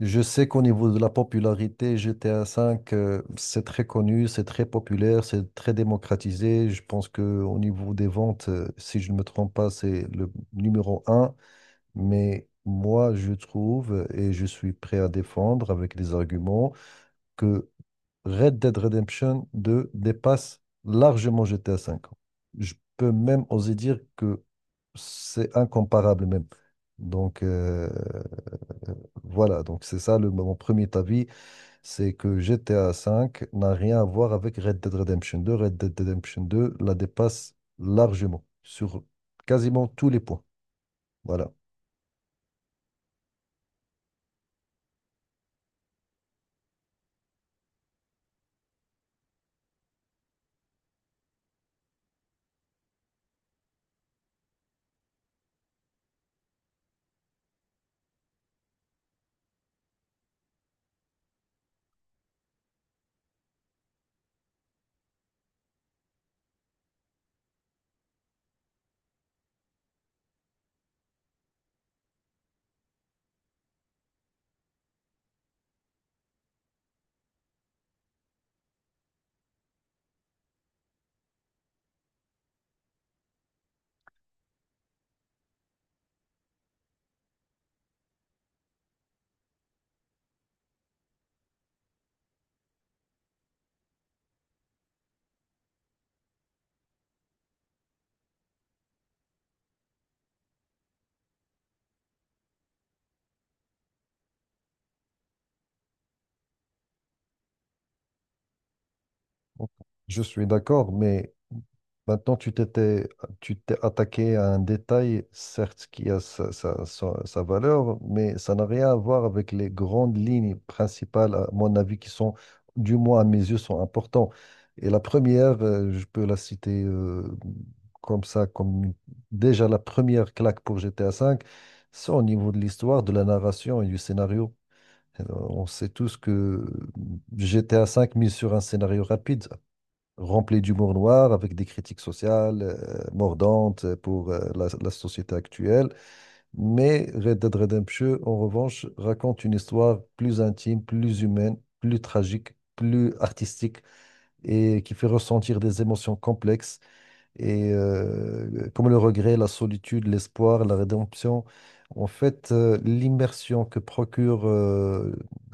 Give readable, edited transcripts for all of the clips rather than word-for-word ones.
Je sais qu'au niveau de la popularité, GTA V, c'est très connu, c'est très populaire, c'est très démocratisé. Je pense que au niveau des ventes, si je ne me trompe pas, c'est le numéro un. Mais moi, je trouve, et je suis prêt à défendre avec des arguments, que Red Dead Redemption 2 dépasse largement GTA V. Je peux même oser dire que c'est incomparable même. Donc, voilà, donc c'est ça mon premier avis c'est que GTA V n'a rien à voir avec Red Dead Redemption 2. Red Dead Redemption 2 la dépasse largement sur quasiment tous les points. Voilà. Je suis d'accord, mais maintenant, tu t'es attaqué à un détail, certes, qui a sa valeur, mais ça n'a rien à voir avec les grandes lignes principales, à mon avis, qui sont, du moins à mes yeux, sont importantes. Et la première, je peux la citer comme ça, déjà la première claque pour GTA V, c'est au niveau de l'histoire, de la narration et du scénario. On sait tous que GTA V mise sur un scénario rapide rempli d'humour noir, avec des critiques sociales mordantes pour la société actuelle. Mais Red Dead Redemption, en revanche, raconte une histoire plus intime, plus humaine, plus tragique, plus artistique et qui fait ressentir des émotions complexes et comme le regret, la solitude, l'espoir, la rédemption. En fait, l'immersion que procure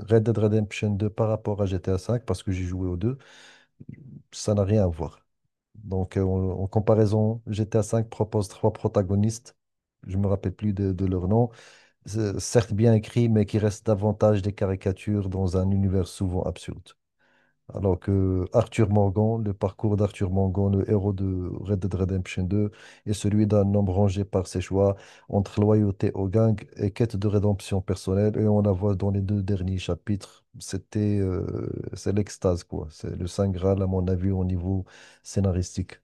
Red Dead Redemption 2 par rapport à GTA V, parce que j'ai joué aux deux, ça n'a rien à voir. Donc, en comparaison, GTA V propose trois protagonistes. Je me rappelle plus de leur nom. C'est certes bien écrit, mais qui restent davantage des caricatures dans un univers souvent absurde. Alors que Arthur Morgan, le parcours d'Arthur Morgan, le héros de Red Dead Redemption 2, est celui d'un homme rangé par ses choix entre loyauté au gang et quête de rédemption personnelle. Et on la voit dans les deux derniers chapitres. C'est l'extase, quoi. C'est le Saint Graal, à mon avis, au niveau scénaristique.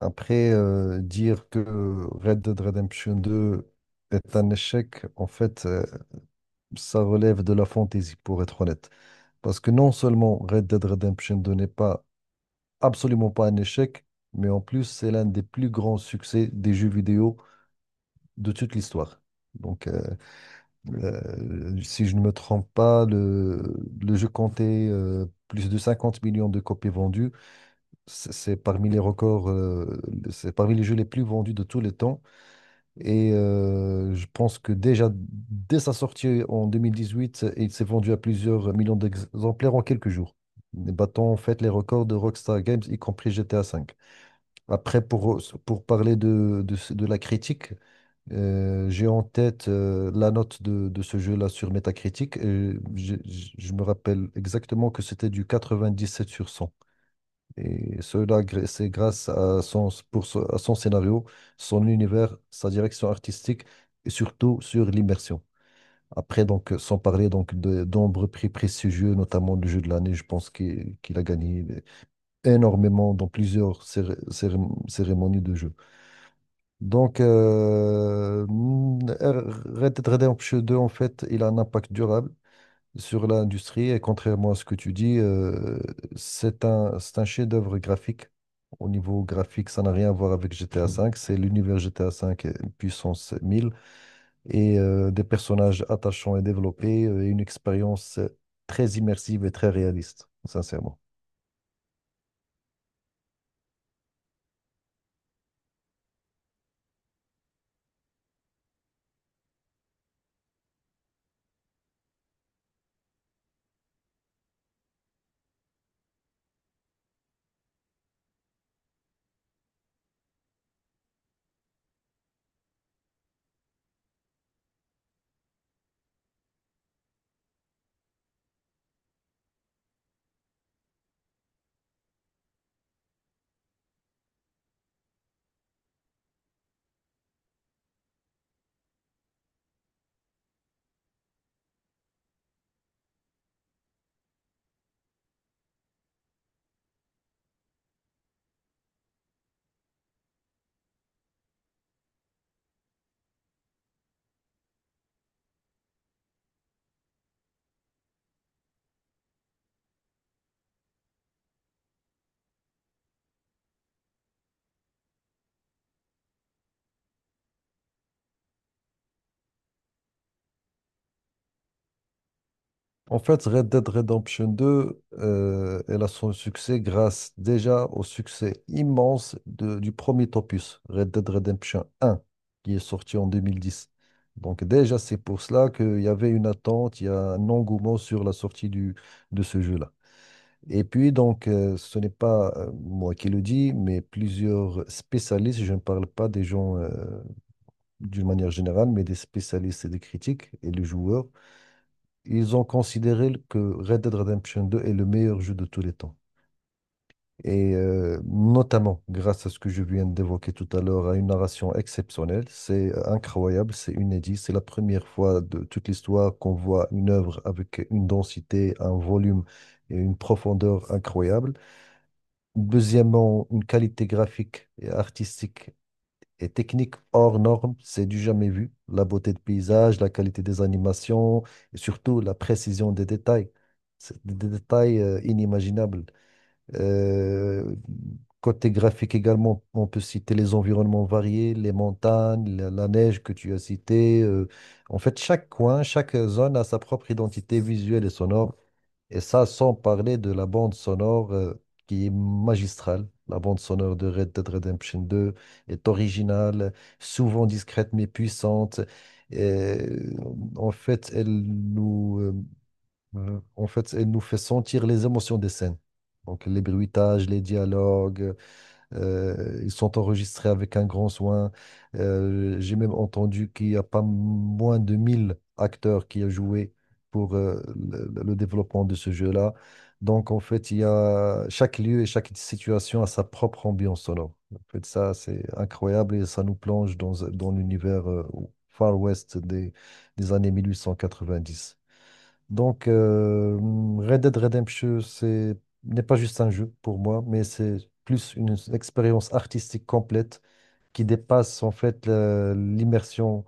Après, dire que Red Dead Redemption 2 est un échec, en fait, ça relève de la fantaisie, pour être honnête. Parce que non seulement Red Dead Redemption 2 n'est pas absolument pas un échec, mais en plus, c'est l'un des plus grands succès des jeux vidéo de toute l'histoire. Donc, si je ne me trompe pas, le jeu comptait plus de 50 millions de copies vendues. C'est parmi les records, c'est parmi les jeux les plus vendus de tous les temps. Et je pense que déjà, dès sa sortie en 2018, il s'est vendu à plusieurs millions d'exemplaires en quelques jours, battant en fait les records de Rockstar Games, y compris GTA V. Après, pour parler de la critique, j'ai en tête la note de ce jeu-là sur Metacritic. Et je me rappelle exactement que c'était du 97/100. Et cela, c'est grâce à son scénario, son univers, sa direction artistique et surtout sur l'immersion. Après, donc, sans parler donc de nombreux prix prestigieux, notamment le jeu de l'année, je pense qu'il a gagné énormément dans plusieurs cérémonies de jeu. Donc, Red Dead Redemption 2, en fait, il a un impact durable sur l'industrie et contrairement à ce que tu dis, c'est un chef-d'œuvre graphique. Au niveau graphique, ça n'a rien à voir avec GTA V. C'est l'univers GTA V puissance 1000 et des personnages attachants et développés et une expérience très immersive et très réaliste, sincèrement. En fait, Red Dead Redemption 2, elle a son succès grâce déjà au succès immense du premier opus, Red Dead Redemption 1, qui est sorti en 2010. Donc déjà, c'est pour cela qu'il y avait une attente, il y a un engouement sur la sortie de ce jeu-là. Et puis, donc, ce n'est pas moi qui le dis, mais plusieurs spécialistes, je ne parle pas des gens d'une manière générale, mais des spécialistes et des critiques et des joueurs ils ont considéré que Red Dead Redemption 2 est le meilleur jeu de tous les temps. Et notamment grâce à ce que je viens d'évoquer tout à l'heure, à une narration exceptionnelle. C'est incroyable, c'est inédit. C'est la première fois de toute l'histoire qu'on voit une œuvre avec une densité, un volume et une profondeur incroyable. Deuxièmement, une qualité graphique et artistique et technique hors norme, c'est du jamais vu. La beauté de paysage, la qualité des animations et surtout la précision des détails. C'est des détails inimaginables. Euh, côté graphique également, on peut citer les environnements variés, les montagnes, la neige que tu as citée. En fait, chaque coin, chaque zone a sa propre identité visuelle et sonore. Et ça, sans parler de la bande sonore qui est magistrale. La bande sonore de Red Dead Redemption 2 est originale, souvent discrète mais puissante. Et, en fait, elle nous fait sentir les émotions des scènes. Donc les bruitages, les dialogues, ils sont enregistrés avec un grand soin. J'ai même entendu qu'il n'y a pas moins de 1 000 acteurs qui ont joué pour le développement de ce jeu-là. Donc, en fait, il y a chaque lieu et chaque situation a sa propre ambiance sonore. En fait, ça, c'est incroyable et ça nous plonge dans l'univers Far West des années 1890. Donc, Red Dead Redemption, n'est pas juste un jeu pour moi, mais c'est plus une expérience artistique complète qui dépasse en fait l'immersion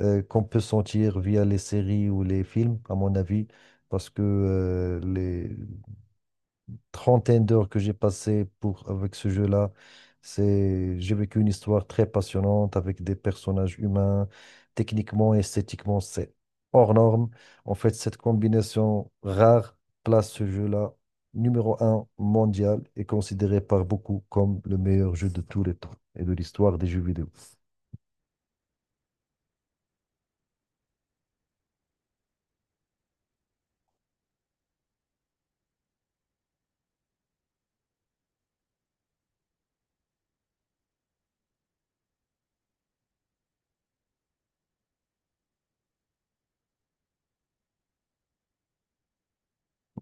qu'on peut sentir via les séries ou les films, à mon avis, parce que trentaine d'heures que j'ai passées avec ce jeu-là. J'ai vécu une histoire très passionnante avec des personnages humains. Techniquement, esthétiquement, c'est hors norme. En fait, cette combinaison rare place ce jeu-là numéro un mondial et considéré par beaucoup comme le meilleur jeu de tous les temps et de l'histoire des jeux vidéo.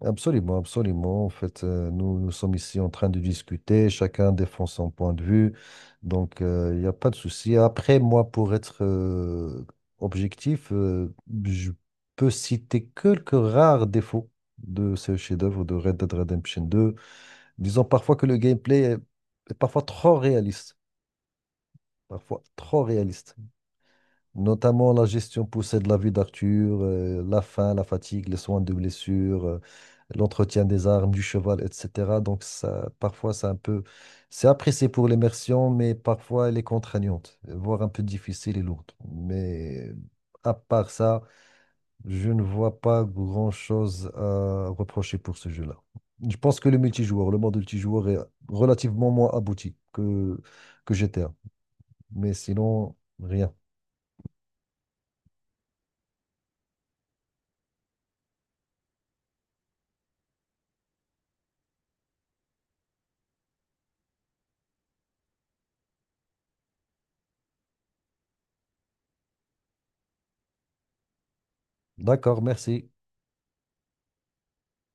Absolument, absolument. En fait, nous, nous sommes ici en train de discuter, chacun défend son point de vue, donc il n'y a pas de souci. Après, moi, pour être objectif, je peux citer quelques rares défauts de ce chef-d'œuvre de Red Dead Redemption 2. Disons parfois que le gameplay est parfois trop réaliste, parfois trop réaliste. Notamment la gestion poussée de la vie d'Arthur, la faim, la fatigue, les soins de blessure, l'entretien des armes, du cheval, etc. Donc ça, parfois, c'est apprécié pour l'immersion, mais parfois elle est contraignante, voire un peu difficile et lourde. Mais à part ça, je ne vois pas grand-chose à reprocher pour ce jeu-là. Je pense que le multijoueur, le mode multijoueur est relativement moins abouti que GTA. Mais sinon, rien. D'accord, merci.